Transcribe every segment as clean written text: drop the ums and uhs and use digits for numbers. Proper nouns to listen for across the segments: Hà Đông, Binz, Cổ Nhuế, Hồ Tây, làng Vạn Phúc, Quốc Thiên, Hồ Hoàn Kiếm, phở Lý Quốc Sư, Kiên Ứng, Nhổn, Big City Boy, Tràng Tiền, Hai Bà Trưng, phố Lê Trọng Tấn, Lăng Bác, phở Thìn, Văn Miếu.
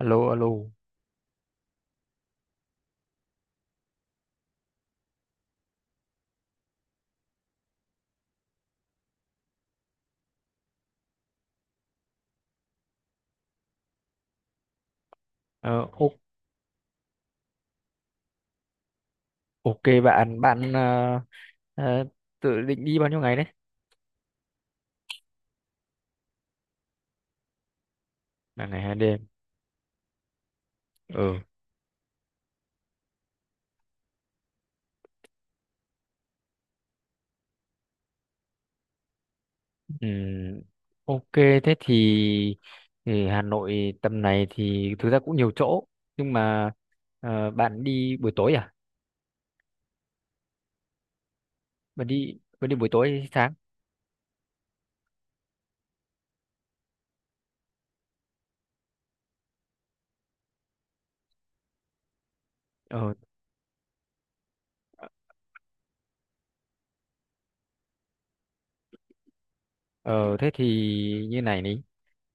Alo alo. Ờ, ô- ok, bạn bạn ờ, tự định đi bao nhiêu ngày đấy? Là ngày 2 đêm. Ừ. Ừm, ok thế thì Hà Nội tầm này thì thực ra cũng nhiều chỗ, nhưng mà bạn đi buổi tối à? Bạn đi buổi tối hay sáng? ờ ờ Thế thì như này đi.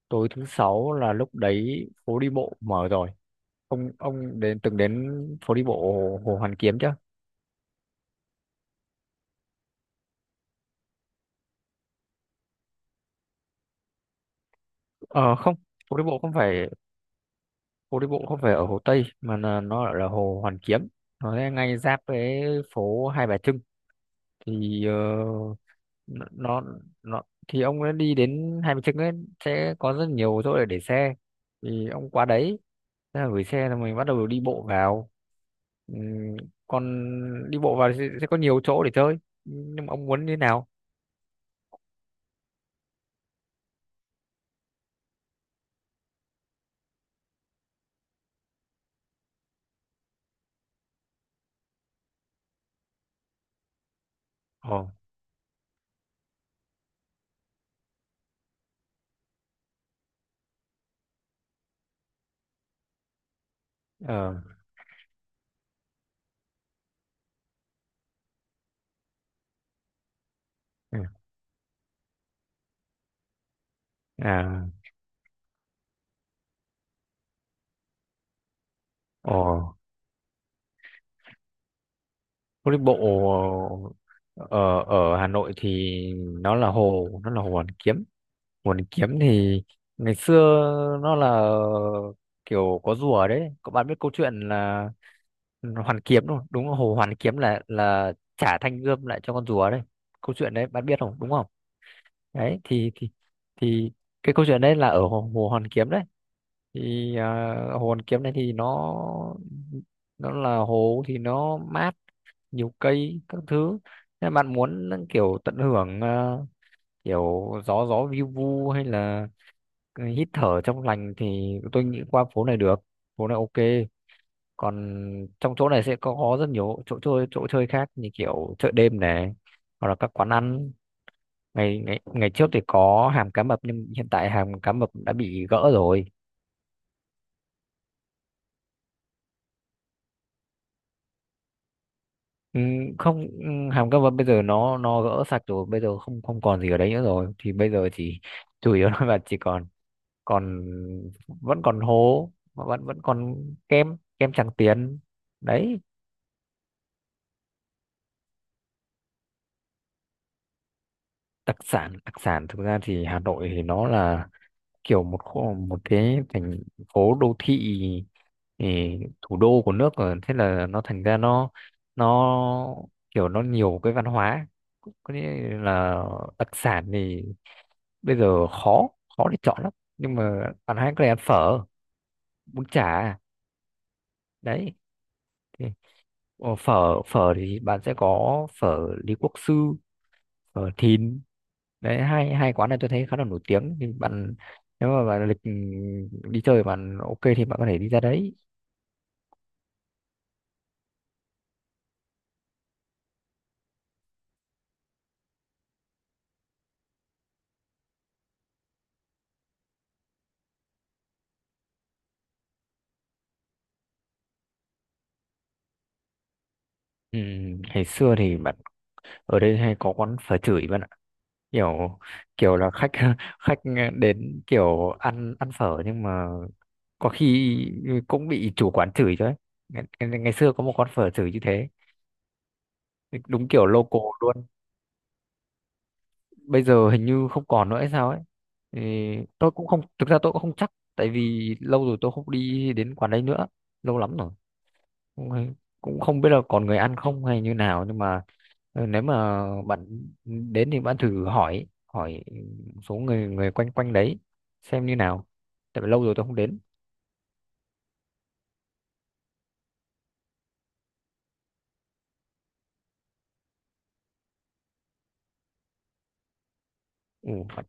Tối thứ sáu là lúc đấy phố đi bộ mở rồi. Ông từng đến phố đi bộ Hồ Hoàn Kiếm chưa? Ờ Không, phố đi bộ không phải. Hồ Đi Bộ không phải ở Hồ Tây mà là nó ở, là Hồ Hoàn Kiếm. Nó ngay ngay giáp với phố Hai Bà Trưng thì nó nó nó- thì ông ấy đi đến Hai Bà Trưng ấy, sẽ có rất nhiều chỗ để xe. Thì ông qua đấy thế là gửi xe là mình bắt đầu đi bộ vào. Ừm, Còn đi bộ vào thì sẽ có nhiều chỗ để chơi, nhưng mà ông muốn như thế nào? Ồ. Ờ. Ừ, à. Ồ. Phố đi bộ. Ở ở Hà Nội thì nó là hồ Hoàn Kiếm. Hồ Hoàn Kiếm thì ngày xưa nó là kiểu có rùa đấy. Các bạn biết câu chuyện là Hoàn Kiếm đúng không? Đúng là hồ Hoàn Kiếm là trả thanh gươm lại cho con rùa đấy. Câu chuyện đấy bạn biết không? Đúng không? Đấy thì cái câu chuyện đấy là ở hồ Hoàn Kiếm đấy. Thì hồ Hoàn Kiếm này thì nó là hồ thì nó mát, nhiều cây các thứ. Nếu bạn muốn kiểu tận hưởng kiểu gió gió vi vu hay là cái hít thở trong lành thì tôi nghĩ qua phố này được. Phố này ok. Còn trong chỗ này sẽ có rất nhiều chỗ chơi khác như kiểu chợ đêm này, hoặc là các quán ăn. Ngày ngày ngày trước thì có hàm cá mập, nhưng hiện tại hàm cá mập đã bị gỡ rồi. Ừ, không, ừ, hàm cá mập bây giờ nó gỡ sạch rồi, bây giờ không không còn gì ở đấy nữa rồi. Thì bây giờ chỉ chủ yếu là chỉ còn còn vẫn còn hố mà vẫn vẫn còn kem kem Tràng Tiền đấy. Đặc sản thực ra thì Hà Nội thì nó là kiểu một cái thành phố đô thị, ừ, thủ đô của nước rồi, thế là nó thành ra nó kiểu nó nhiều cái văn hóa. Có nghĩa là đặc sản thì bây giờ khó khó để chọn lắm, nhưng mà bạn hãy có thể ăn phở, bún chả đấy. Thì phở phở thì bạn sẽ có phở Lý Quốc Sư, phở Thìn đấy. Hai hai quán này tôi thấy khá là nổi tiếng, thì bạn nếu mà bạn lịch đi chơi bạn ok thì bạn có thể đi ra đấy. Ừ, ngày xưa thì bạn ở đây hay có quán phở chửi bạn ạ, kiểu kiểu là khách khách đến kiểu ăn ăn phở nhưng mà có khi cũng bị chủ quán chửi chứ ấy. Ngày xưa có một quán phở chửi như thế, đúng kiểu local luôn. Bây giờ hình như không còn nữa hay sao ấy, thì tôi cũng không, thực ra tôi cũng không chắc tại vì lâu rồi tôi không đi đến quán đấy nữa. Lâu lắm rồi. cũng hay- Cũng không biết là còn người ăn không hay như nào, nhưng mà nếu mà bạn đến thì bạn thử hỏi hỏi một số người người quanh quanh đấy xem như nào, tại vì lâu rồi tôi không đến. Ừ, bạn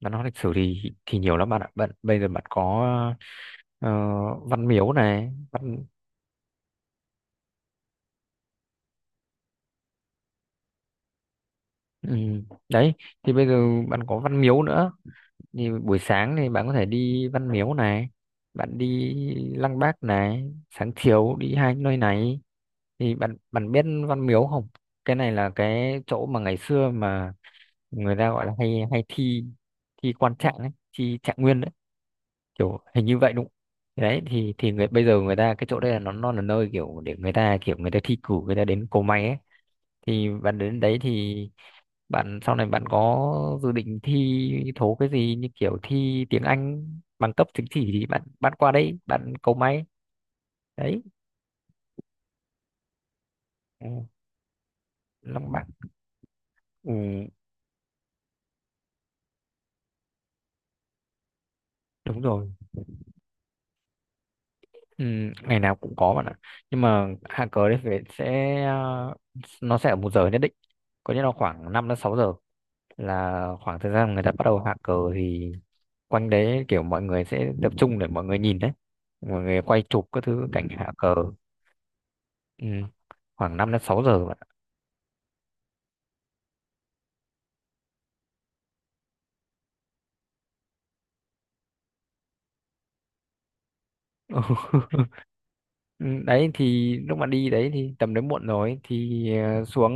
bạn lịch sử thì nhiều lắm bạn ạ. Bạn bây giờ bạn có ờ, văn miếu này, văn. Ừ, đấy thì bây giờ bạn có văn miếu nữa. Thì buổi sáng thì bạn có thể đi Văn Miếu này, bạn đi Lăng Bác này, sáng chiều đi hai nơi này. Thì bạn bạn biết Văn Miếu không? Cái này là cái chỗ mà ngày xưa mà người ta gọi là hay hay thi thi quan trạng ấy, thi trạng nguyên đấy, kiểu hình như vậy đúng không? Thì đấy thì người bây giờ người ta cái chỗ đây là nó là nơi kiểu để người ta kiểu người ta thi cử, người ta đến cầu may ấy. Thì bạn đến đấy thì bạn sau này bạn có dự định thi thố cái gì như kiểu thi tiếng Anh, bằng cấp chứng chỉ thì bạn bạn qua đấy bạn cầu may đấy. Ừ, lòng bạn. Ừ, đúng rồi. Ừ, ngày nào cũng có bạn ạ. Nhưng mà hạ cờ đấy phải sẽ nó sẽ ở một giờ nhất định, có nghĩa là khoảng 5 đến 6 giờ là khoảng thời gian người ta bắt đầu hạ cờ, thì quanh đấy kiểu mọi người sẽ tập trung để mọi người nhìn đấy. Mọi người quay chụp các thứ cảnh hạ cờ. Ừ, khoảng 5 đến 6 giờ bạn ạ. Ừ, đấy thì lúc mà đi đấy thì tầm đấy muộn rồi thì xuống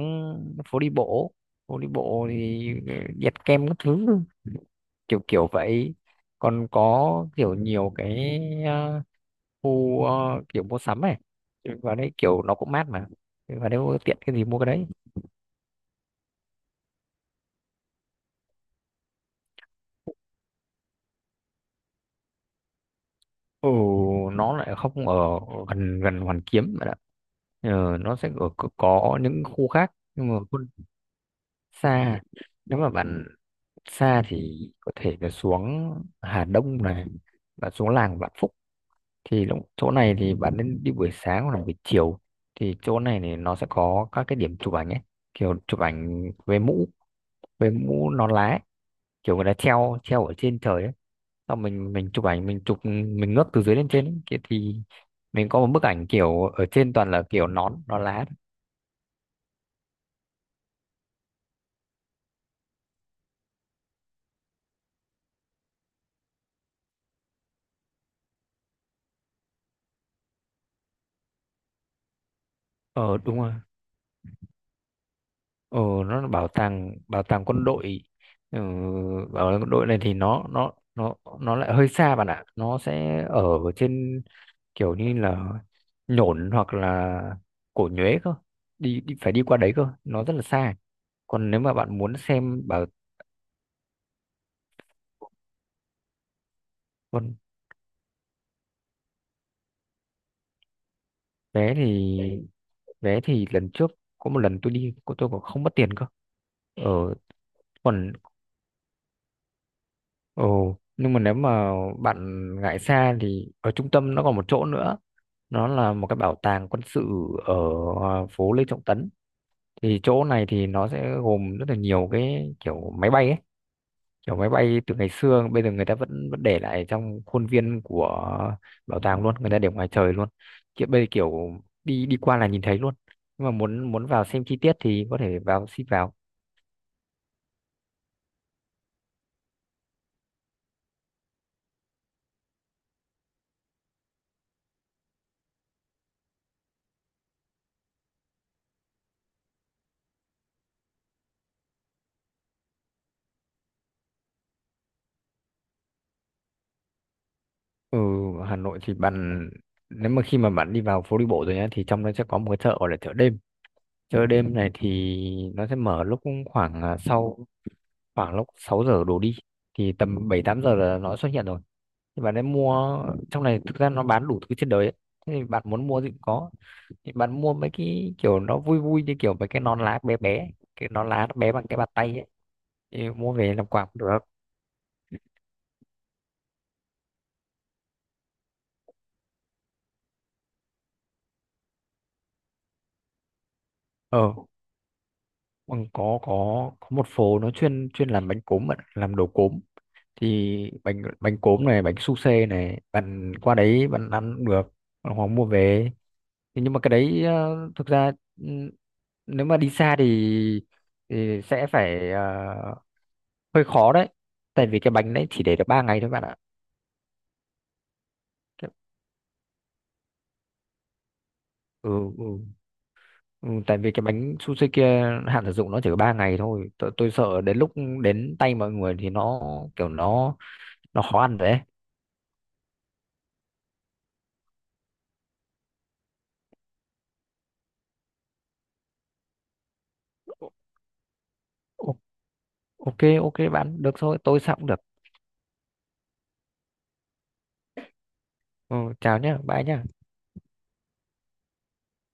phố đi bộ. Phố đi bộ thì nhặt kem các thứ, kiểu kiểu vậy. Còn có kiểu nhiều cái ờ, khu kiểu mua sắm này, và đấy kiểu nó cũng mát mà, và nếu tiện cái gì mua cái đấy. Ừ, nó lại không ở gần gần Hoàn Kiếm mà đã. Nó sẽ ở, có những khu khác nhưng mà hơn xa. Nếu mà bạn xa thì có thể là xuống Hà Đông này và xuống làng Vạn Phúc. Thì chỗ này thì bạn nên đi buổi sáng hoặc là buổi chiều. Thì chỗ này thì nó sẽ có các cái điểm chụp ảnh ấy, kiểu chụp ảnh về mũ nón lá ấy. Kiểu người ta treo treo ở trên trời ấy, xong mình chụp ảnh, mình chụp mình ngước từ dưới lên trên ấy. Thì mình có một bức ảnh kiểu ở trên toàn là kiểu nón nón lá thôi. Ờ, đúng rồi. Ờ, nó là bảo tàng quân đội. Ừ, bảo tàng quân đội này thì nó lại hơi xa bạn ạ, nó sẽ ở trên kiểu như là Nhổn hoặc là Cổ Nhuế cơ, đi phải đi qua đấy cơ, nó rất là xa. Còn nếu mà bạn muốn xem còn vé thì vé thì lần trước có một lần tôi đi tôi còn không mất tiền cơ. Ờ còn Ồ, nhưng mà nếu mà bạn ngại xa thì ở trung tâm nó còn một chỗ nữa. Nó là một cái bảo tàng quân sự ở phố Lê Trọng Tấn. Thì chỗ này thì nó sẽ gồm rất là nhiều cái kiểu máy bay ấy. Kiểu máy bay từ ngày xưa bây giờ người ta vẫn vẫn để lại trong khuôn viên của bảo tàng luôn, người ta để ngoài trời luôn. Kiểu bây giờ kiểu đi đi qua là nhìn thấy luôn. Nhưng mà muốn muốn vào xem chi tiết thì có thể vào xin vào. Ừ, ở Hà Nội thì bạn nếu mà khi mà bạn đi vào phố đi bộ rồi nhá thì trong đó sẽ có một cái chợ gọi là chợ đêm. Chợ đêm này thì nó sẽ mở lúc khoảng sau khoảng lúc 6 giờ đổ đi, thì tầm 7-8 giờ là nó xuất hiện rồi. Thì bạn ấy mua trong này thực ra nó bán đủ thứ trên đời ấy. Thế thì bạn muốn mua gì cũng có. Thì bạn mua mấy cái kiểu nó vui vui như kiểu mấy cái nón lá bé bé, cái nón lá nó bé bằng cái bàn tay ấy. Thì mua về làm quà cũng được. Ờ, còn có một phố nó chuyên chuyên làm bánh cốm bạn ạ, làm đồ cốm. Thì bánh bánh cốm này, bánh su xê này, bạn qua đấy bạn ăn cũng được, bạn hoặc mua về. Thế nhưng mà cái đấy thực ra, ừ, nếu mà đi xa thì sẽ phải hơi khó đấy, tại vì cái bánh đấy chỉ để được 3 ngày thôi bạn ạ. Cái- ừ, ừ, ừ, tại vì cái bánh su xê kia hạn sử dụng nó chỉ có 3 ngày thôi. Tôi sợ đến lúc đến tay mọi người thì nó kiểu nó khó ăn đấy. Ô- ô- ok, ok, bạn được thôi, tôi sao cũng được. Ừ, chào nhé, bye nhé.